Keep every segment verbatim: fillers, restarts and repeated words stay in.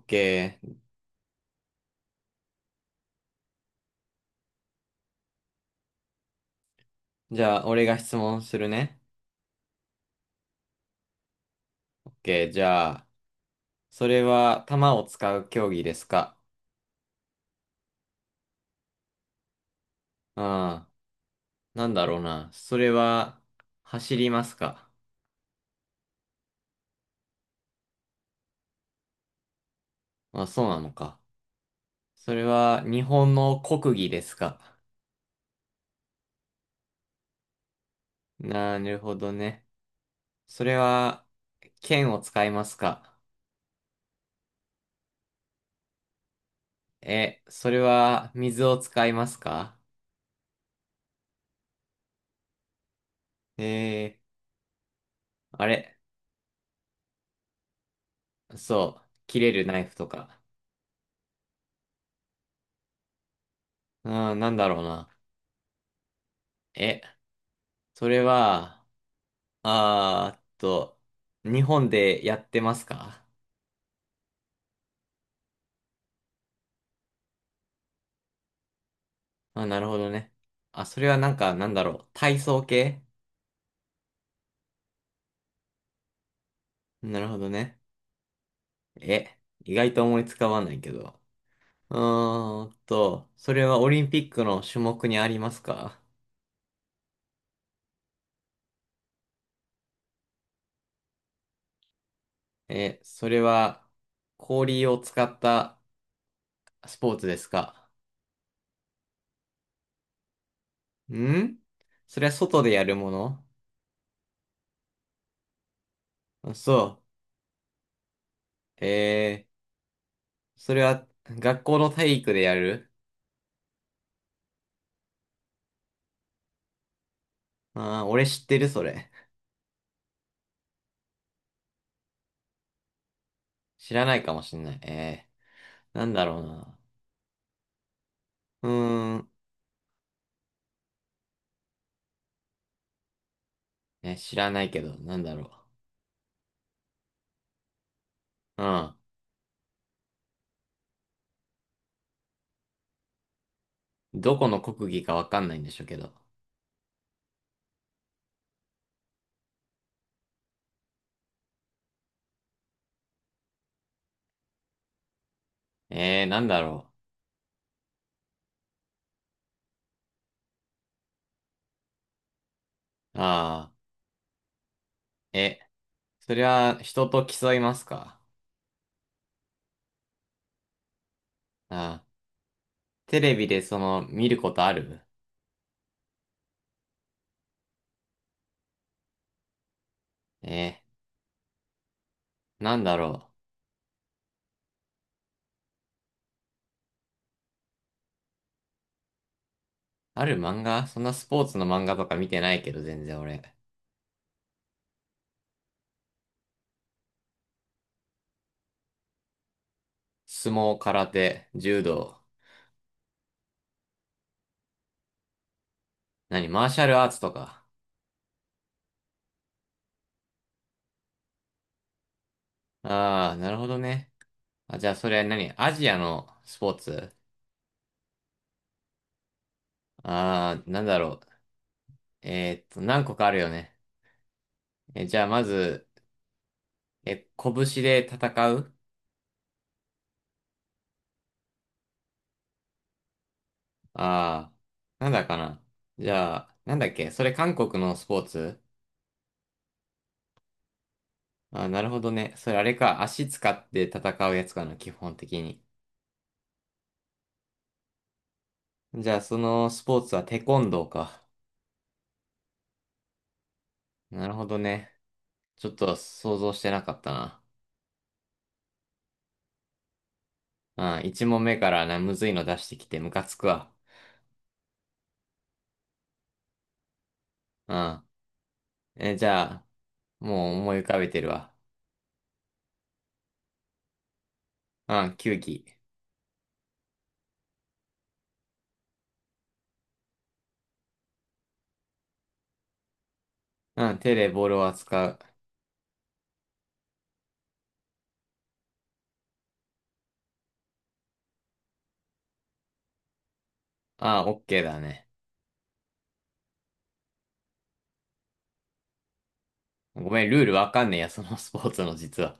OK。じゃあ、俺が質問するね。OK。じゃあ、それは弾を使う競技ですか？うん。なんだろうな。それは走りますか？まあ、そうなのか。それは日本の国技ですか？なるほどね。それは剣を使いますか？え、それは水を使いますか？えー、あれ、そう。切れるナイフとか。うん、なんだろうな。え、それは、あーっと、日本でやってますか？あ、なるほどね。あ、それはなんか、なんだろう。体操系？なるほどね。え、意外と思いつかわないけど。うーんと、それはオリンピックの種目にありますか？え、それは氷を使ったスポーツですか？ん、それは外でやるもの？あそう。えー、それは学校の体育でやる？ああー、俺知ってる、それ。知らないかもしんない。えーなんだろうな。うーん。ね、知らないけど、なんだろう。うん。どこの国技かわかんないんでしょうけど。えーなんだろう。ああ、え、それは人と競いますか？ああー、テレビでその、見ることある？え、え、なんだろう。ある漫画そんなスポーツの漫画とか見てないけど、全然俺。相撲、空手、柔道。何マーシャルアーツとか。ああ、なるほどね。あ、じゃあそれは何アジアのスポーツ？あー、なんだろう。えーっと、何個かあるよね。え、じゃあ、まず、え、拳で戦う？あー、なんだかな。じゃあ、なんだっけそれ韓国のスポーツ？あー、なるほどね。それあれか。足使って戦うやつかな、基本的に。じゃあ、そのスポーツはテコンドーか。なるほどね。ちょっと想像してなかったな。うん、一問目からな、むずいの出してきてムカつくわ。うん。え、じゃあ、もう思い浮かべてるわ。うん、球技。うん、手でボールを扱う。ああ、オッケーだね。ごめん、ルールわかんねえや、そのスポーツの実は。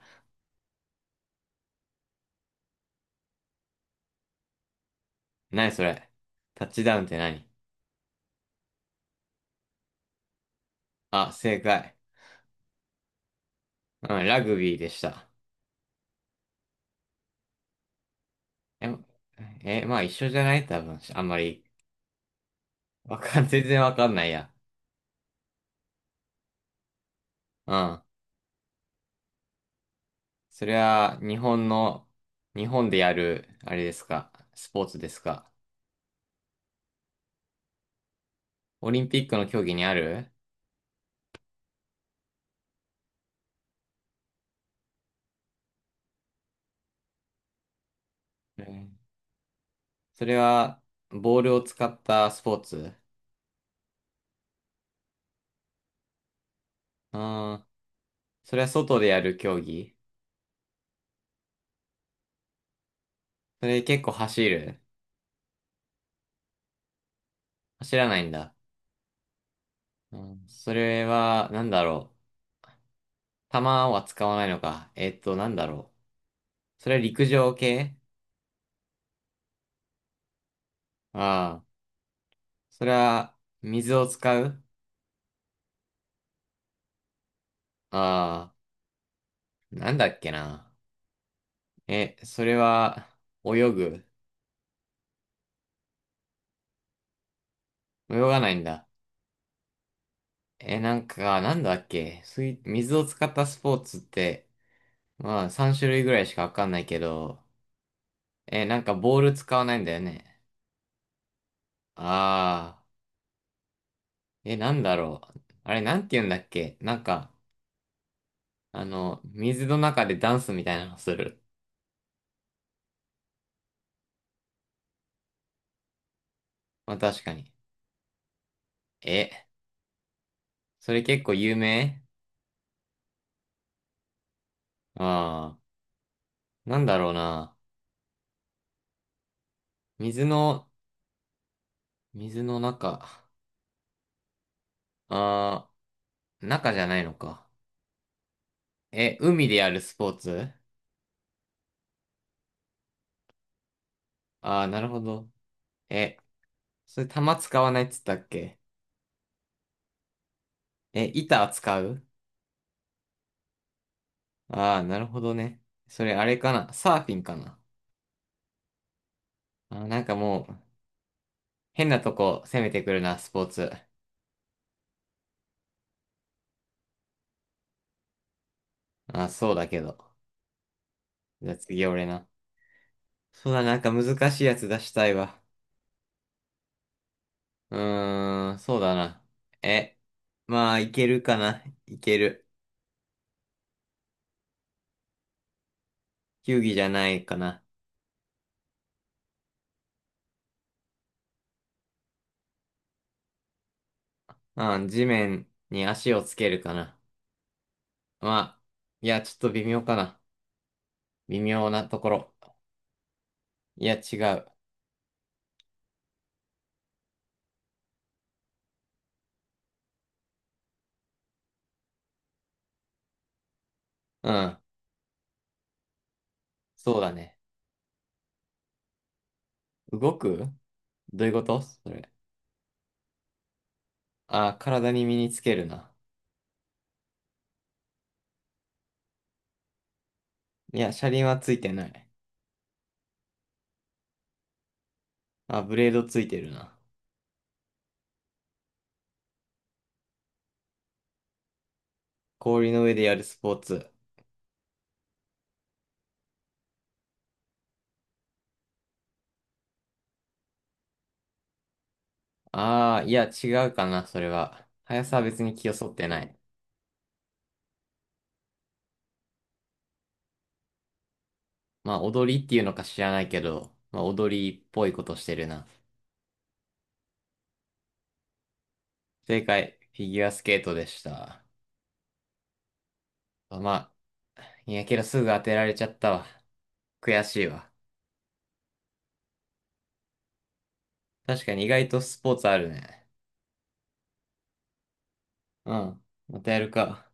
何それ。タッチダウンって何？あ、正解。うん、ラグビーでした。え、え、まあ一緒じゃない多分、あんまり。わかん、全然わかんないや。うん。それは、日本の、日本でやる、あれですか、スポーツですか。オリンピックの競技にある？うん、それは、ボールを使ったスポーツ？うん。それは外でやる競技？それ結構走る？走らないんだ。うん、それは、なんだろう。弾は使わないのか。えっと、なんだろう。それは陸上系？ああ、それは水を使う？ああ、なんだっけな。え、それは泳ぐ？泳がないんだ。え、なんか、なんだっけ水、水を使ったスポーツって、まあさん種類ぐらいしかわかんないけど、え、なんかボール使わないんだよね。ああ。え、なんだろう。あれ、なんて言うんだっけなんか、あの、水の中でダンスみたいなのする。まあ、確かに。え、それ結構有名？ああー、なんだろうな。水の、水の中。ああ、中じゃないのか。え、海でやるスポーツ？ああー、なるほど。え、それ玉使わないっつったっけ？え、板使う？ああー、なるほどね。それあれかな。サーフィンかな。あー、なんかもう、変なとこ攻めてくるな、スポーツ。あ、そうだけど。じゃあ次俺な。そうだ、なんか難しいやつ出したいわ。うーん、そうだな。え、まあ、いけるかな。いける。球技じゃないかな。うん、地面に足をつけるかな。まあ、いや、ちょっと微妙かな。微妙なところ。いや、違う。うん、そうだね。動く？どういうことそれ。あ、体に身につけるな。いや、車輪はついてない。あ、ブレードついてるな。氷の上でやるスポーツ。ああ、いや、違うかな、それは。速さは別に気をそってない。まあ、踊りっていうのか知らないけど、まあ、踊りっぽいことしてるな。正解、フィギュアスケートでした。あまあ、いやけどすぐ当てられちゃったわ。悔しいわ。確かに意外とスポーツあるね。うん、またやるか。